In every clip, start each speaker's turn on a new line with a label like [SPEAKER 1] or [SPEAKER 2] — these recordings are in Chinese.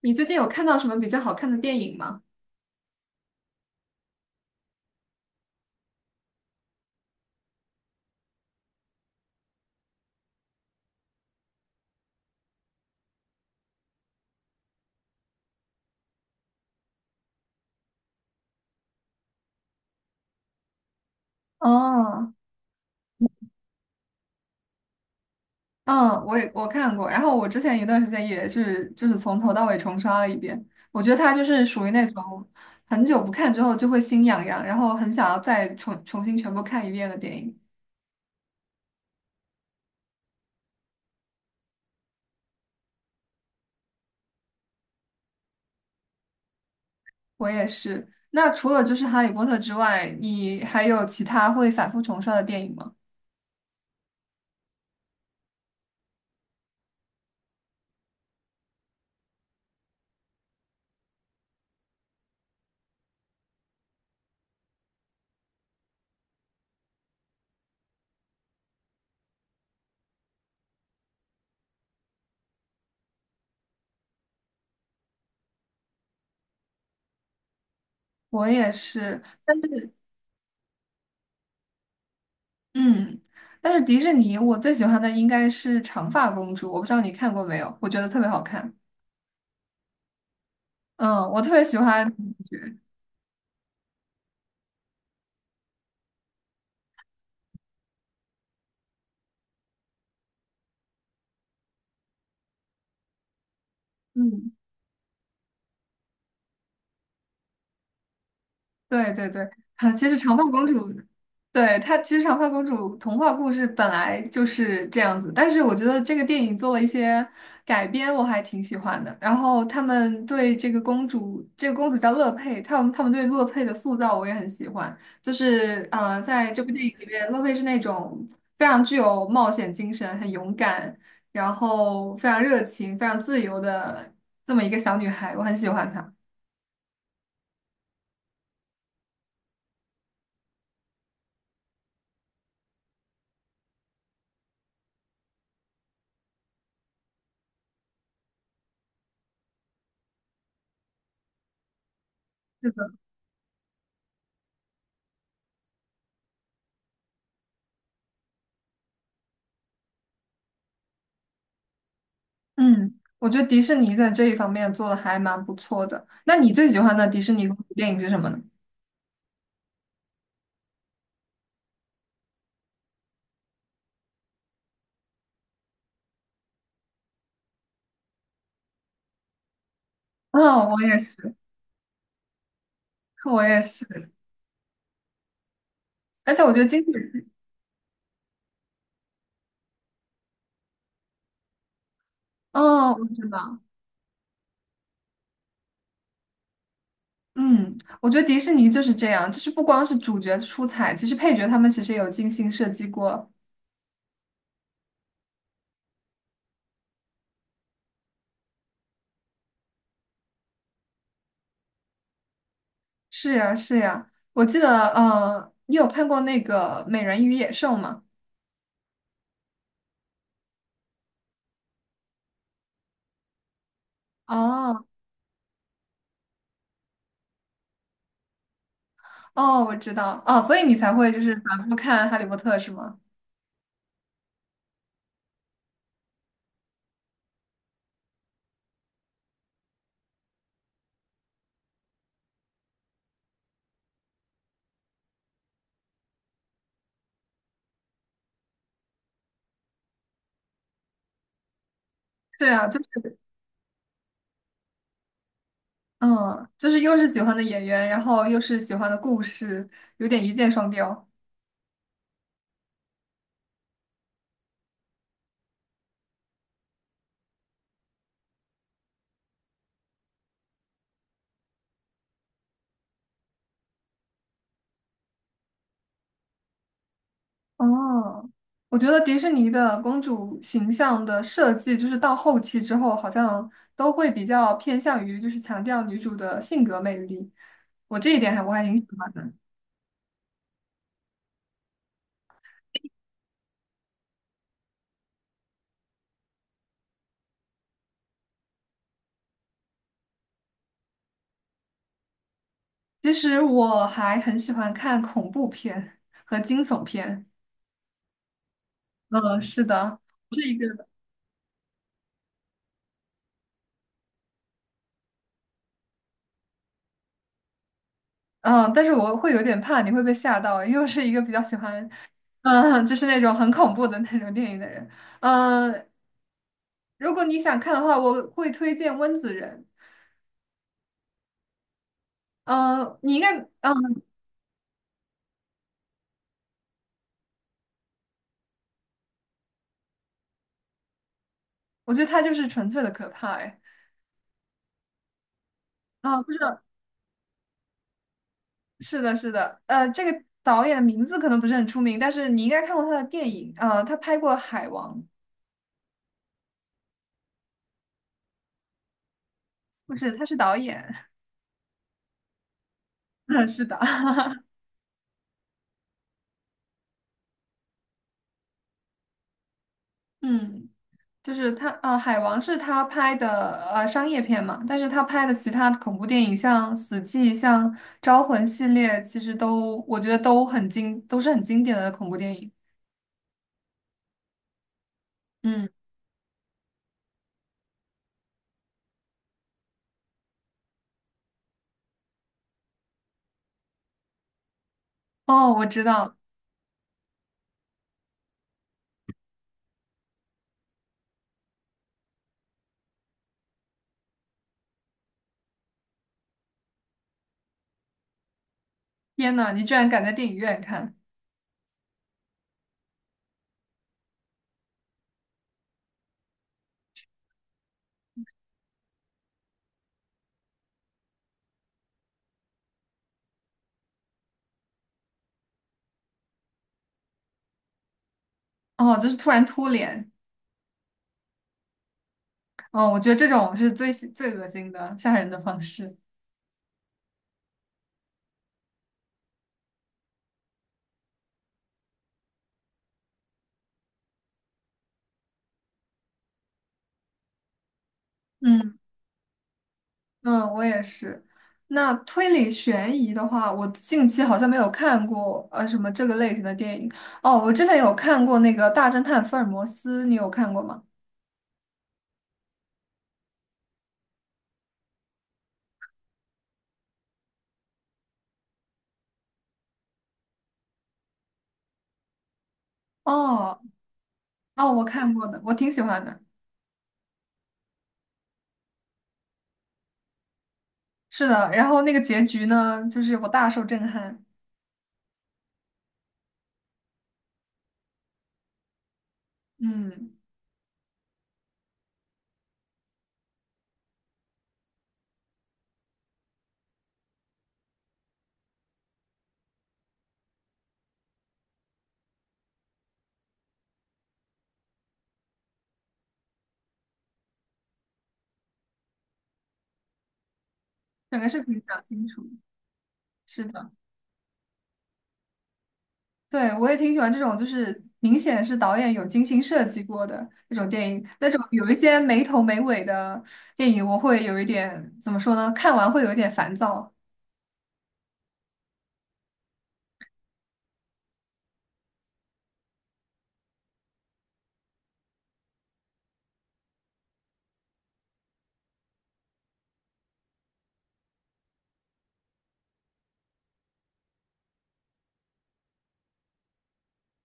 [SPEAKER 1] 你最近有看到什么比较好看的电影吗？哦，嗯，我看过，然后我之前一段时间也是就是从头到尾重刷了一遍。我觉得它就是属于那种很久不看之后就会心痒痒，然后很想要再重新全部看一遍的电影。我也是。那除了就是《哈利波特》之外，你还有其他会反复重刷的电影吗？我也是，但是嗯，但是迪士尼我最喜欢的应该是《长发公主》，我不知道你看过没有？我觉得特别好看。嗯，我特别喜欢女主角。嗯，对对对，啊，其实长发公主，对，她其实长发公主童话故事本来就是这样子，但是我觉得这个电影做了一些改编，我还挺喜欢的。然后他们对这个公主，这个公主叫乐佩，他们对乐佩的塑造我也很喜欢。就是在这部电影里面，乐佩是那种非常具有冒险精神、很勇敢，然后非常热情、非常自由的这么一个小女孩，我很喜欢她。是的，嗯，我觉得迪士尼在这一方面做的还蛮不错的。那你最喜欢的迪士尼公主电影是什么呢？哦，我也是，我也是，而且我觉得经典，哦，我知道，嗯，我觉得迪士尼就是这样，就是不光是主角出彩，其实配角他们其实也有精心设计过。是呀，是呀，我记得，嗯，你有看过那个《美人鱼野兽》吗？哦，哦，我知道，哦，所以你才会就是反复看《哈利波特》是吗？对啊，就是。嗯，就是又是喜欢的演员，然后又是喜欢的故事，有点一箭双雕。哦，我觉得迪士尼的公主形象的设计，就是到后期之后，好像都会比较偏向于就是强调女主的性格魅力。我这一点我还挺喜欢的。其实我还很喜欢看恐怖片和惊悚片。嗯，是的，这一个。嗯，但是我会有点怕你会被吓到，因为我是一个比较喜欢，嗯，就是那种很恐怖的那种电影的人。嗯，如果你想看的话，我会推荐《温子仁》。嗯，你应该，嗯，我觉得他就是纯粹的可怕，哎，啊，不知道，是的，是的，这个导演的名字可能不是很出名，但是你应该看过他的电影，他拍过《海王》，不是，他是导演，嗯，是的，嗯。就是他，呃，海王是他拍的商业片嘛，但是他拍的其他的恐怖电影，像《死寂》、像《招魂》系列，其实都我觉得都很经，都是很经典的恐怖电影。嗯，哦，我知道，天呐，你居然敢在电影院看，哦，就是突然突脸，哦，我觉得这种是最最恶心的、吓人的方式。嗯。嗯，我也是。那推理悬疑的话，我近期好像没有看过什么这个类型的电影。哦，我之前有看过那个《大侦探福尔摩斯》，你有看过吗？哦哦，我看过的，我挺喜欢的。是的，然后那个结局呢，就是我大受震撼。嗯，整个是挺讲清楚。是的。对，我也挺喜欢这种，就是明显是导演有精心设计过的那种电影。那种有一些没头没尾的电影，我会有一点，怎么说呢？看完会有一点烦躁。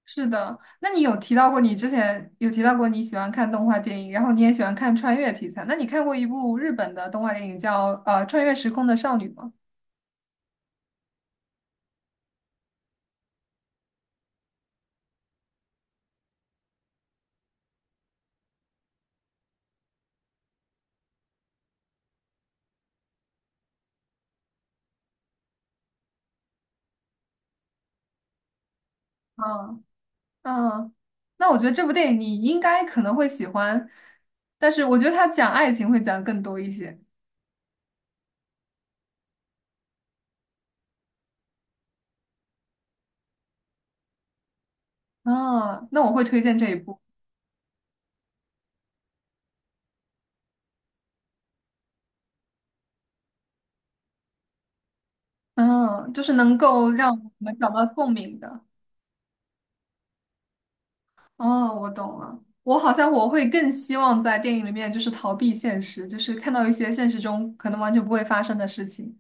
[SPEAKER 1] 是的，那你有提到过，你之前有提到过你喜欢看动画电影，然后你也喜欢看穿越题材。那你看过一部日本的动画电影叫《穿越时空的少女》吗？嗯嗯，那我觉得这部电影你应该可能会喜欢，但是我觉得它讲爱情会讲得更多一些。啊，那我会推荐这一部。嗯，就是能够让我们找到共鸣的。哦，我懂了。我好像我会更希望在电影里面就是逃避现实，就是看到一些现实中可能完全不会发生的事情。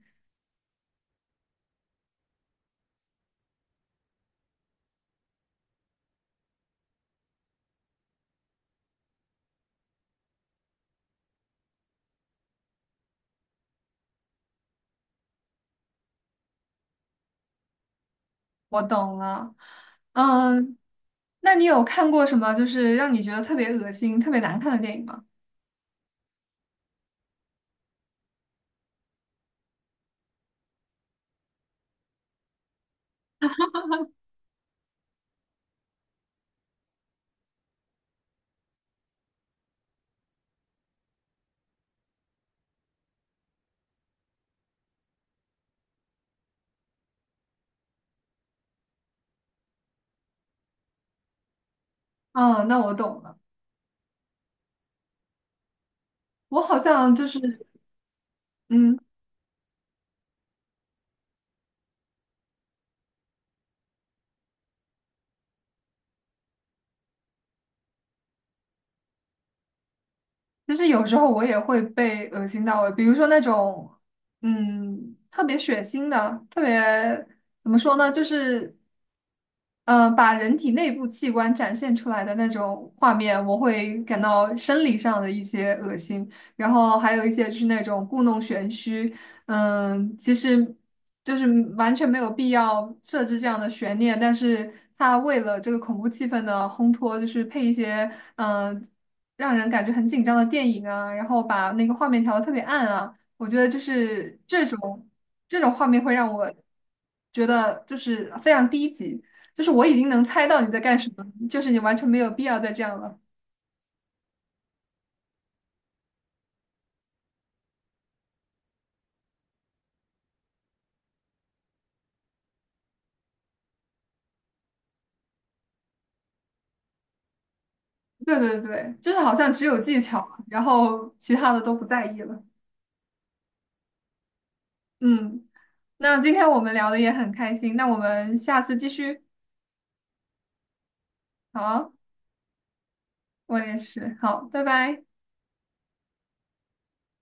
[SPEAKER 1] 我懂了。嗯，那你有看过什么就是让你觉得特别恶心、特别难看的电影吗？哦，那我懂了。我好像就是，嗯，就是有时候我也会被恶心到，比如说那种，嗯，特别血腥的，特别怎么说呢，就是，把人体内部器官展现出来的那种画面，我会感到生理上的一些恶心，然后还有一些就是那种故弄玄虚，嗯，其实就是完全没有必要设置这样的悬念，但是他为了这个恐怖气氛的烘托，就是配一些。嗯。让人感觉很紧张的电影啊，然后把那个画面调的特别暗啊，我觉得就是这种这种画面会让我觉得就是非常低级，就是我已经能猜到你在干什么，就是你完全没有必要再这样了。对对对，就是好像只有技巧，然后其他的都不在意了。嗯，那今天我们聊的也很开心，那我们下次继续。好，我也是，好，拜拜。